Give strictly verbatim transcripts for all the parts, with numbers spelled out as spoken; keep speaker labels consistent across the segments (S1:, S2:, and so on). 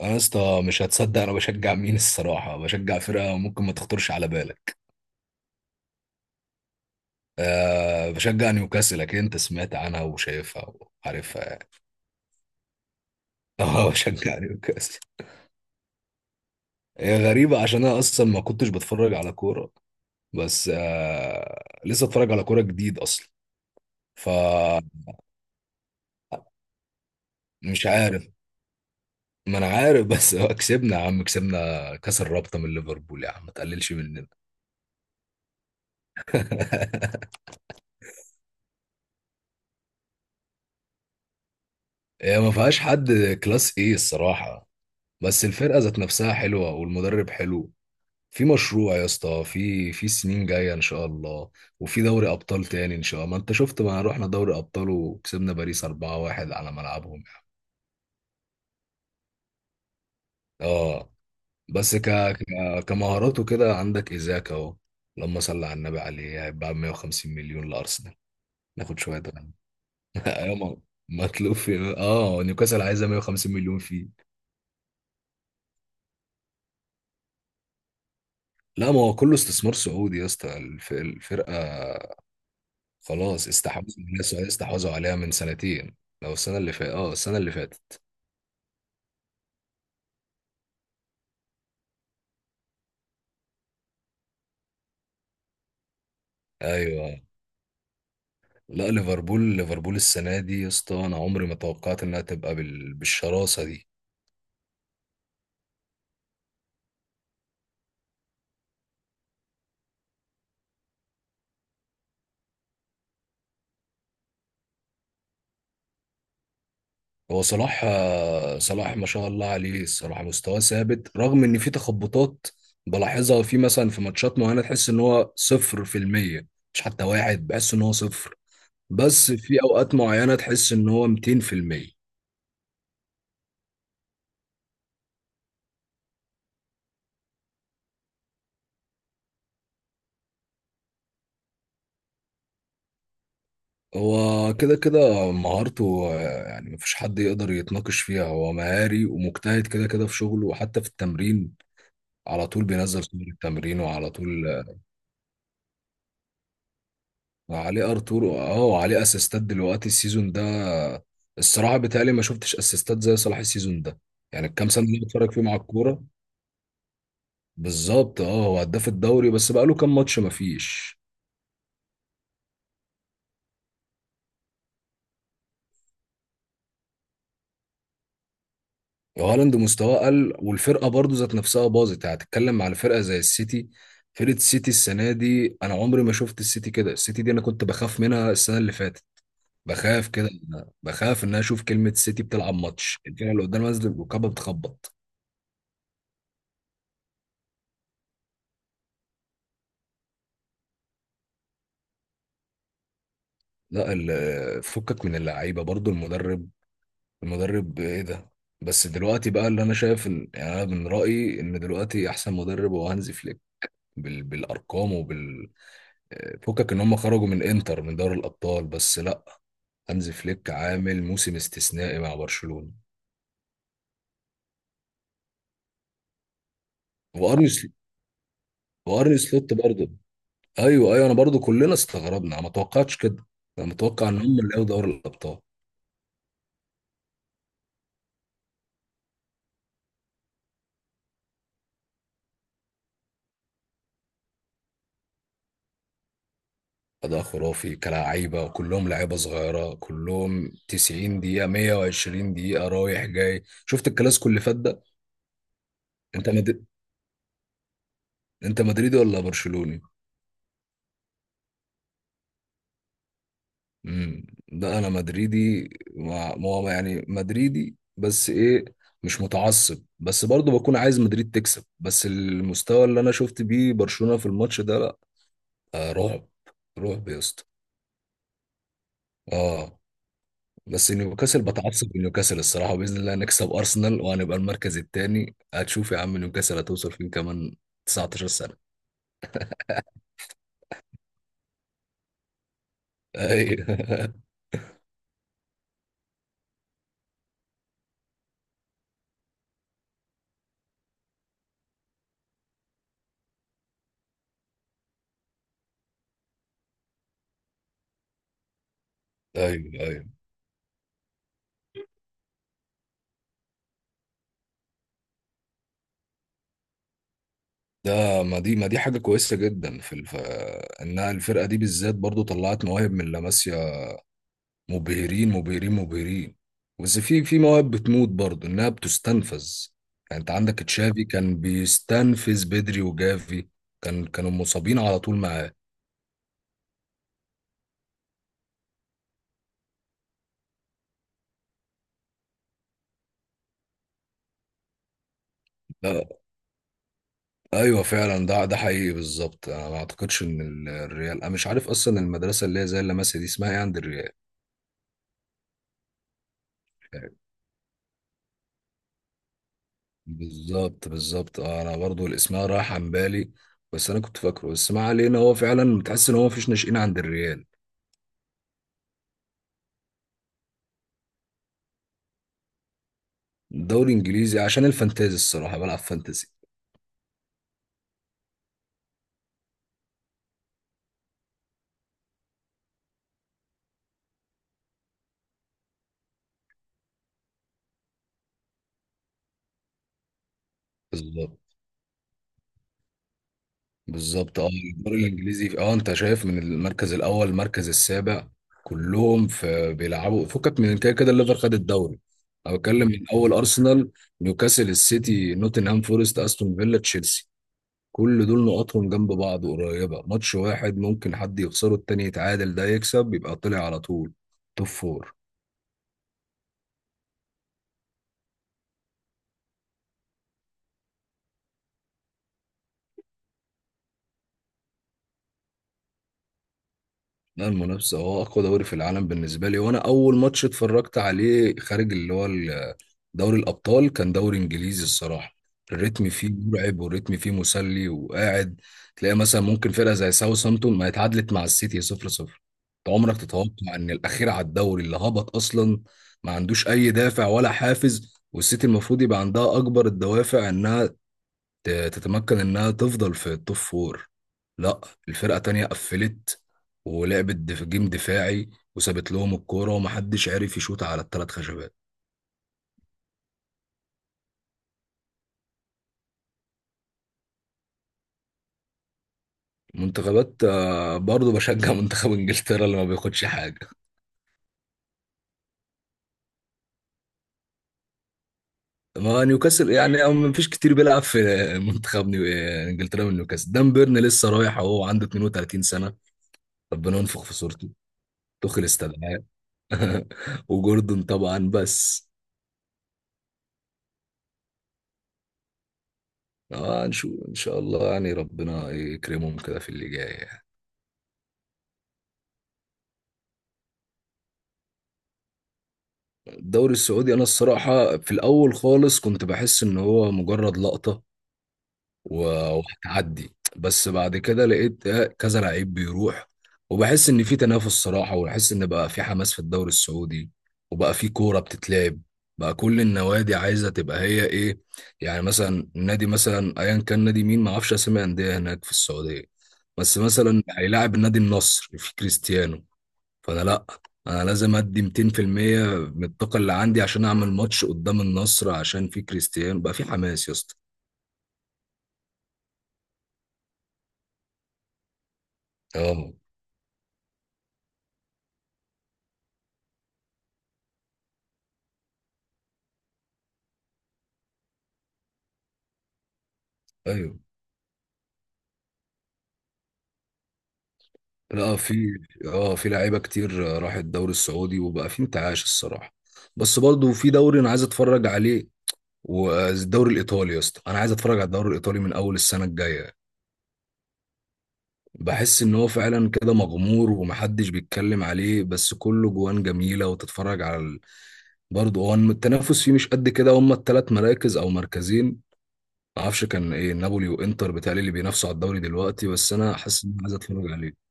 S1: انا يا اسطى مش هتصدق، انا بشجع مين؟ الصراحه بشجع فرقه ممكن ما تخطرش على بالك. أه بشجع نيوكاسل، اكيد انت سمعت عنها وشايفها وعارفها يعني. اه بشجع نيوكاسل. هي غريبه عشان انا اصلا ما كنتش بتفرج على كوره، بس أه لسه اتفرج على كوره جديد اصلا، فمش عارف. ما انا عارف بس هو كسبنا يا عم، كسبنا كاس الرابطه من ليفربول يا عم، ما تقللش مننا. هي ما فيهاش حد كلاس ايه الصراحه، بس الفرقه ذات نفسها حلوه والمدرب حلو. في مشروع يا اسطى، في في سنين جايه ان شاء الله، وفي دوري ابطال تاني ان شاء الله. ما انت شفت ما رحنا دوري ابطال وكسبنا باريس اربعة واحد على ملعبهم يعني. اه بس ك... ك... كمهارات وكده عندك ايزاك اهو، اللهم صل على النبي عليه، هيتباع مية وخمسين مليون لارسنال. ناخد شويه غن ايوه ما-، مطلوب في اه نيوكاسل، عايزه مية وخمسين مليون فيه. لا ما هو كله استثمار سعودي يا اسطى، الف... الفرقه خلاص استحوذوا عليها، السعوديه استحوذوا عليها من سنتين، او السنه اللي فاتت، اه السنه اللي فاتت. ايوه، لا ليفربول، ليفربول السنه دي يا اسطى انا عمري ما توقعت انها تبقى بال... بالشراسه دي. هو صلاح آه، صلاح ما شاء الله عليه، الصراحه مستواه ثابت رغم ان في تخبطات بلاحظها في مثلا في ماتشات معينه. تحس ان هو صفر في المية، مش حتى واحد، بحس ان هو صفر، بس في اوقات معينه تحس ان هو ميتين في المية. هو كده كده مهارته آه، يعني مفيش حد يقدر يتناقش فيها، هو مهاري ومجتهد كده كده في شغله وحتى في التمرين، على طول بينزل صور التمرين وعلى طول آه، وعليه ارتور، اه وعليه اسيستات دلوقتي السيزون ده آه، الصراحه بيتهيألي ما شفتش اسيستات زي صلاح السيزون ده، يعني الكام سنه اللي أنا بتفرج فيه مع الكوره. بالظبط، اه هو هداف الدوري، بس بقاله كام ماتش مفيش. هالاند مستواه قل، والفرقه برضو ذات نفسها باظت، يعني هتتكلم على فرقه زي السيتي. فرقه السيتي السنه دي انا عمري ما شفت السيتي كده، السيتي دي انا كنت بخاف منها السنه اللي فاتت، بخاف كده، بخاف ان انا اشوف كلمه سيتي بتلعب ماتش، الفرقه اللي قدام نازله الركابه بتخبط. لا ال- فكك من اللعيبه، برضو المدرب، المدرب ايه ده، بس دلوقتي بقى اللي انا شايف ان يعني، انا من رايي ان دلوقتي احسن مدرب هو هانزي فليك بال... بالارقام. فكك ان هم خرجوا من انتر من دوري الابطال، بس لا، هانز فليك عامل موسم استثنائي مع برشلونة. وارني سل... وارني سلوت برضه. ايوه ايوه، انا برضه كلنا استغربنا، انا ما توقعتش كده، انا متوقع ان هم اللي ياخدوا دوري الابطال. اداء خرافي، كلاعيبه كلهم لعيبه صغيره، كلهم تسعين دقيقه مية وعشرين دقيقه رايح جاي. شفت الكلاسيكو اللي فات ده؟ انت مد... انت مدريدي ولا برشلوني؟ امم ده انا مدريدي، ما ما هو يعني مدريدي بس ايه، مش متعصب، بس برضه بكون عايز مدريد تكسب، بس المستوى اللي انا شفت بيه برشلونة في الماتش ده لا، آه رعب، رعب يا اسطى. اه بس نيوكاسل، بتعصب من نيوكاسل الصراحة، بإذن الله نكسب أرسنال وهنبقى المركز الثاني، هتشوف يا عم نيوكاسل هتوصل فين كمان، تسعتاشر سنة. أيوه أيوه أيوه، ده ما دي ما دي حاجة كويسة جدا في الف... انها الفرقة دي بالذات برضو طلعت مواهب من لاماسيا، مبهرين مبهرين مبهرين، بس في في مواهب بتموت برضو، انها بتستنفذ. يعني انت عندك تشافي كان بيستنفذ بدري وجافي، كان كانوا مصابين على طول معاه. لا ايوه فعلا، ده ده حقيقي بالظبط، انا ما اعتقدش ان ال- الريال، انا مش عارف اصلا المدرسة اللي هي زي اللاماسيا دي اسمها ايه عند الريال. بالظبط بالظبط، اه انا برضو الاسماء راح عن بالي، بس انا كنت فاكره، بس ما علينا، هو فعلا بتحس ان هو مفيش ناشئين عند الريال. دوري انجليزي عشان الفانتازي، الصراحه بلعب فانتازي. بالظبط بالظبط اه. الدوري الانجليزي اه انت شايف من المركز الاول المركز السابع كلهم في بيلعبوا، فكك من كده كده الليفر خد الدوري، انا بتكلم من اول ارسنال، نيوكاسل، السيتي، نوتنهام فورست، استون فيلا، تشيلسي، كل دول نقطهم جنب بعض قريبة، ماتش واحد ممكن حد يخسره التاني يتعادل ده يكسب، يبقى طلع على طول توب فور. لا المنافسة، هو أقوى دوري في العالم بالنسبة لي، وأنا أول ماتش اتفرجت عليه خارج اللي هو ال- دوري الأبطال كان دوري إنجليزي الصراحة. الريتم فيه مرعب، والريتم فيه مسلي، وقاعد تلاقي مثلا ممكن فرقة زي ساوثهامبتون ما اتعادلت مع السيتي صفر صفر. أنت عمرك تتوقع إن الأخير على الدوري، اللي هبط أصلا، ما عندوش أي دافع ولا حافز، والسيتي المفروض يبقى عندها أكبر الدوافع إنها ت- تتمكن انها تفضل في التوب فور. لا الفرقة تانية قفلت، ولعبت دف- جيم دفاعي، وسابت لهم الكورة ومحدش عارف يشوط على الثلاث خشبات. منتخبات آه، برضه بشجع منتخب انجلترا اللي ما بياخدش حاجة. ما نيوكاسل يعني، أو ما فيش كتير بيلعب في منتخب نيو... انجلترا من نيوكاسل. دان بيرن لسه رايح اهو، عنده اتنين وتلاتين سنة، ربنا ينفخ في صورته، توخيل استدعاه وجوردون طبعا، بس اه نشوف ان شاء الله يعني، ربنا يكرمهم كده في اللي جاي يعني. الدوري السعودي انا الصراحه في الاول خالص كنت بحس ان هو مجرد لقطه و- وهتعدي، بس بعد كده لقيت آه، كذا لعيب بيروح، وبحس ان في تنافس صراحه، وبحس ان بقى في حماس في الدوري السعودي، وبقى في كوره بتتلعب، بقى كل النوادي عايزه تبقى هي ايه. يعني مثلا نادي مثلا ايا كان، نادي مين، ما اعرفش اسامي انديه هناك في السعوديه، بس مثلا هيلاعب النادي النصر في كريستيانو، فانا لا، انا لازم ادي ميتين في المية من الطاقه اللي عندي عشان اعمل ماتش قدام النصر، عشان في كريستيانو، بقى في حماس يا اسطى. اه ايوه، لا في اه في لعيبه كتير راحت الدوري السعودي، وبقى في انتعاش الصراحه، بس برضو في دوري انا عايز اتفرج عليه، والدوري الايطالي يا اسطى، انا عايز اتفرج على الدوري الايطالي من اول السنه الجايه. بحس ان هو فعلا كده مغمور ومحدش بيتكلم عليه، بس كله جوان جميله، وتتفرج على، برضه هو التنافس فيه مش قد كده، هما التلات مراكز او مركزين، ما اعرفش كان ايه، نابولي وانتر بتاعي اللي بينافسوا على الدوري دلوقتي، بس انا حاسس ان انا عايز اتفرج عليه.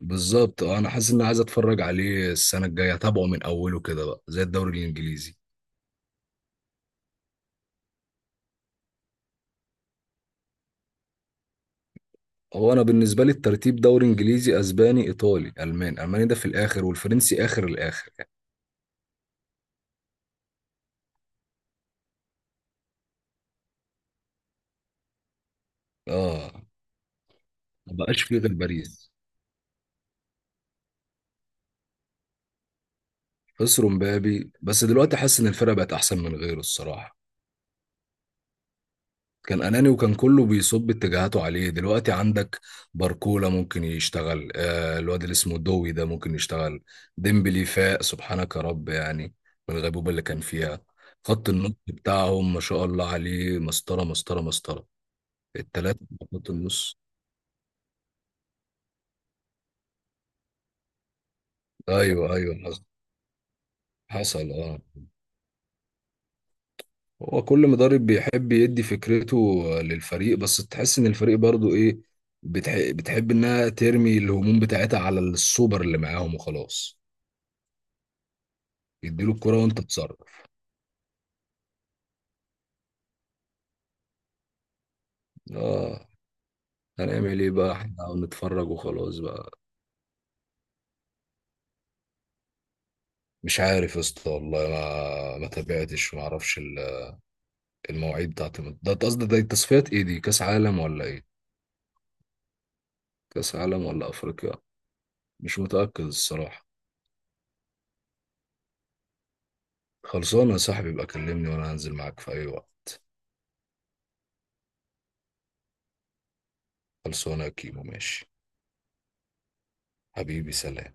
S1: بالظبط، اه انا حاسس ان انا عايز اتفرج عليه السنه الجايه، اتابعه من اوله كده بقى زي الدوري الانجليزي. هو انا بالنسبه لي الترتيب، دوري انجليزي، اسباني، ايطالي، الماني، الماني ده في الاخر، والفرنسي اخر الاخر يعني. اه ما بقاش فيه غير باريس. خسروا مبابي بس دلوقتي حاسس ان الفرقه بقت احسن من غيره الصراحه، كان اناني وكان كله بيصب اتجاهاته عليه، دلوقتي عندك باركولا ممكن يشتغل آه الواد اللي اسمه دوي ده ممكن يشتغل، ديمبلي فاق سبحانك يا رب يعني، من الغيبوبة اللي كان فيها. خط النص بتاعهم ما شاء الله عليه، مسطرة مسطرة مسطرة، التلاتة في خط النص. ايوه ايوه، حصل حصل اه هو كل مدرب بيحب يدي فكرته للفريق، بس تحس ان الفريق برضو ايه، بتح... بتحب انها ترمي الهموم بتاعتها على السوبر اللي معاهم وخلاص، يديله الكرة وانت تتصرف. اه هنعمل ايه بقى، احنا نتفرج وخلاص بقى. مش عارف يا اسطى والله، ما ما تابعتش، ما اعرفش ال- المواعيد بتاعت الم- ده قصدي ده التصفيات، ايه دي، كاس عالم ولا ايه؟ كاس عالم ولا افريقيا، مش متأكد الصراحة. خلصانه يا صاحبي، يبقى كلمني وانا هنزل معاك في اي وقت. خلصانه يا كيمو ماشي، حبيبي سلام.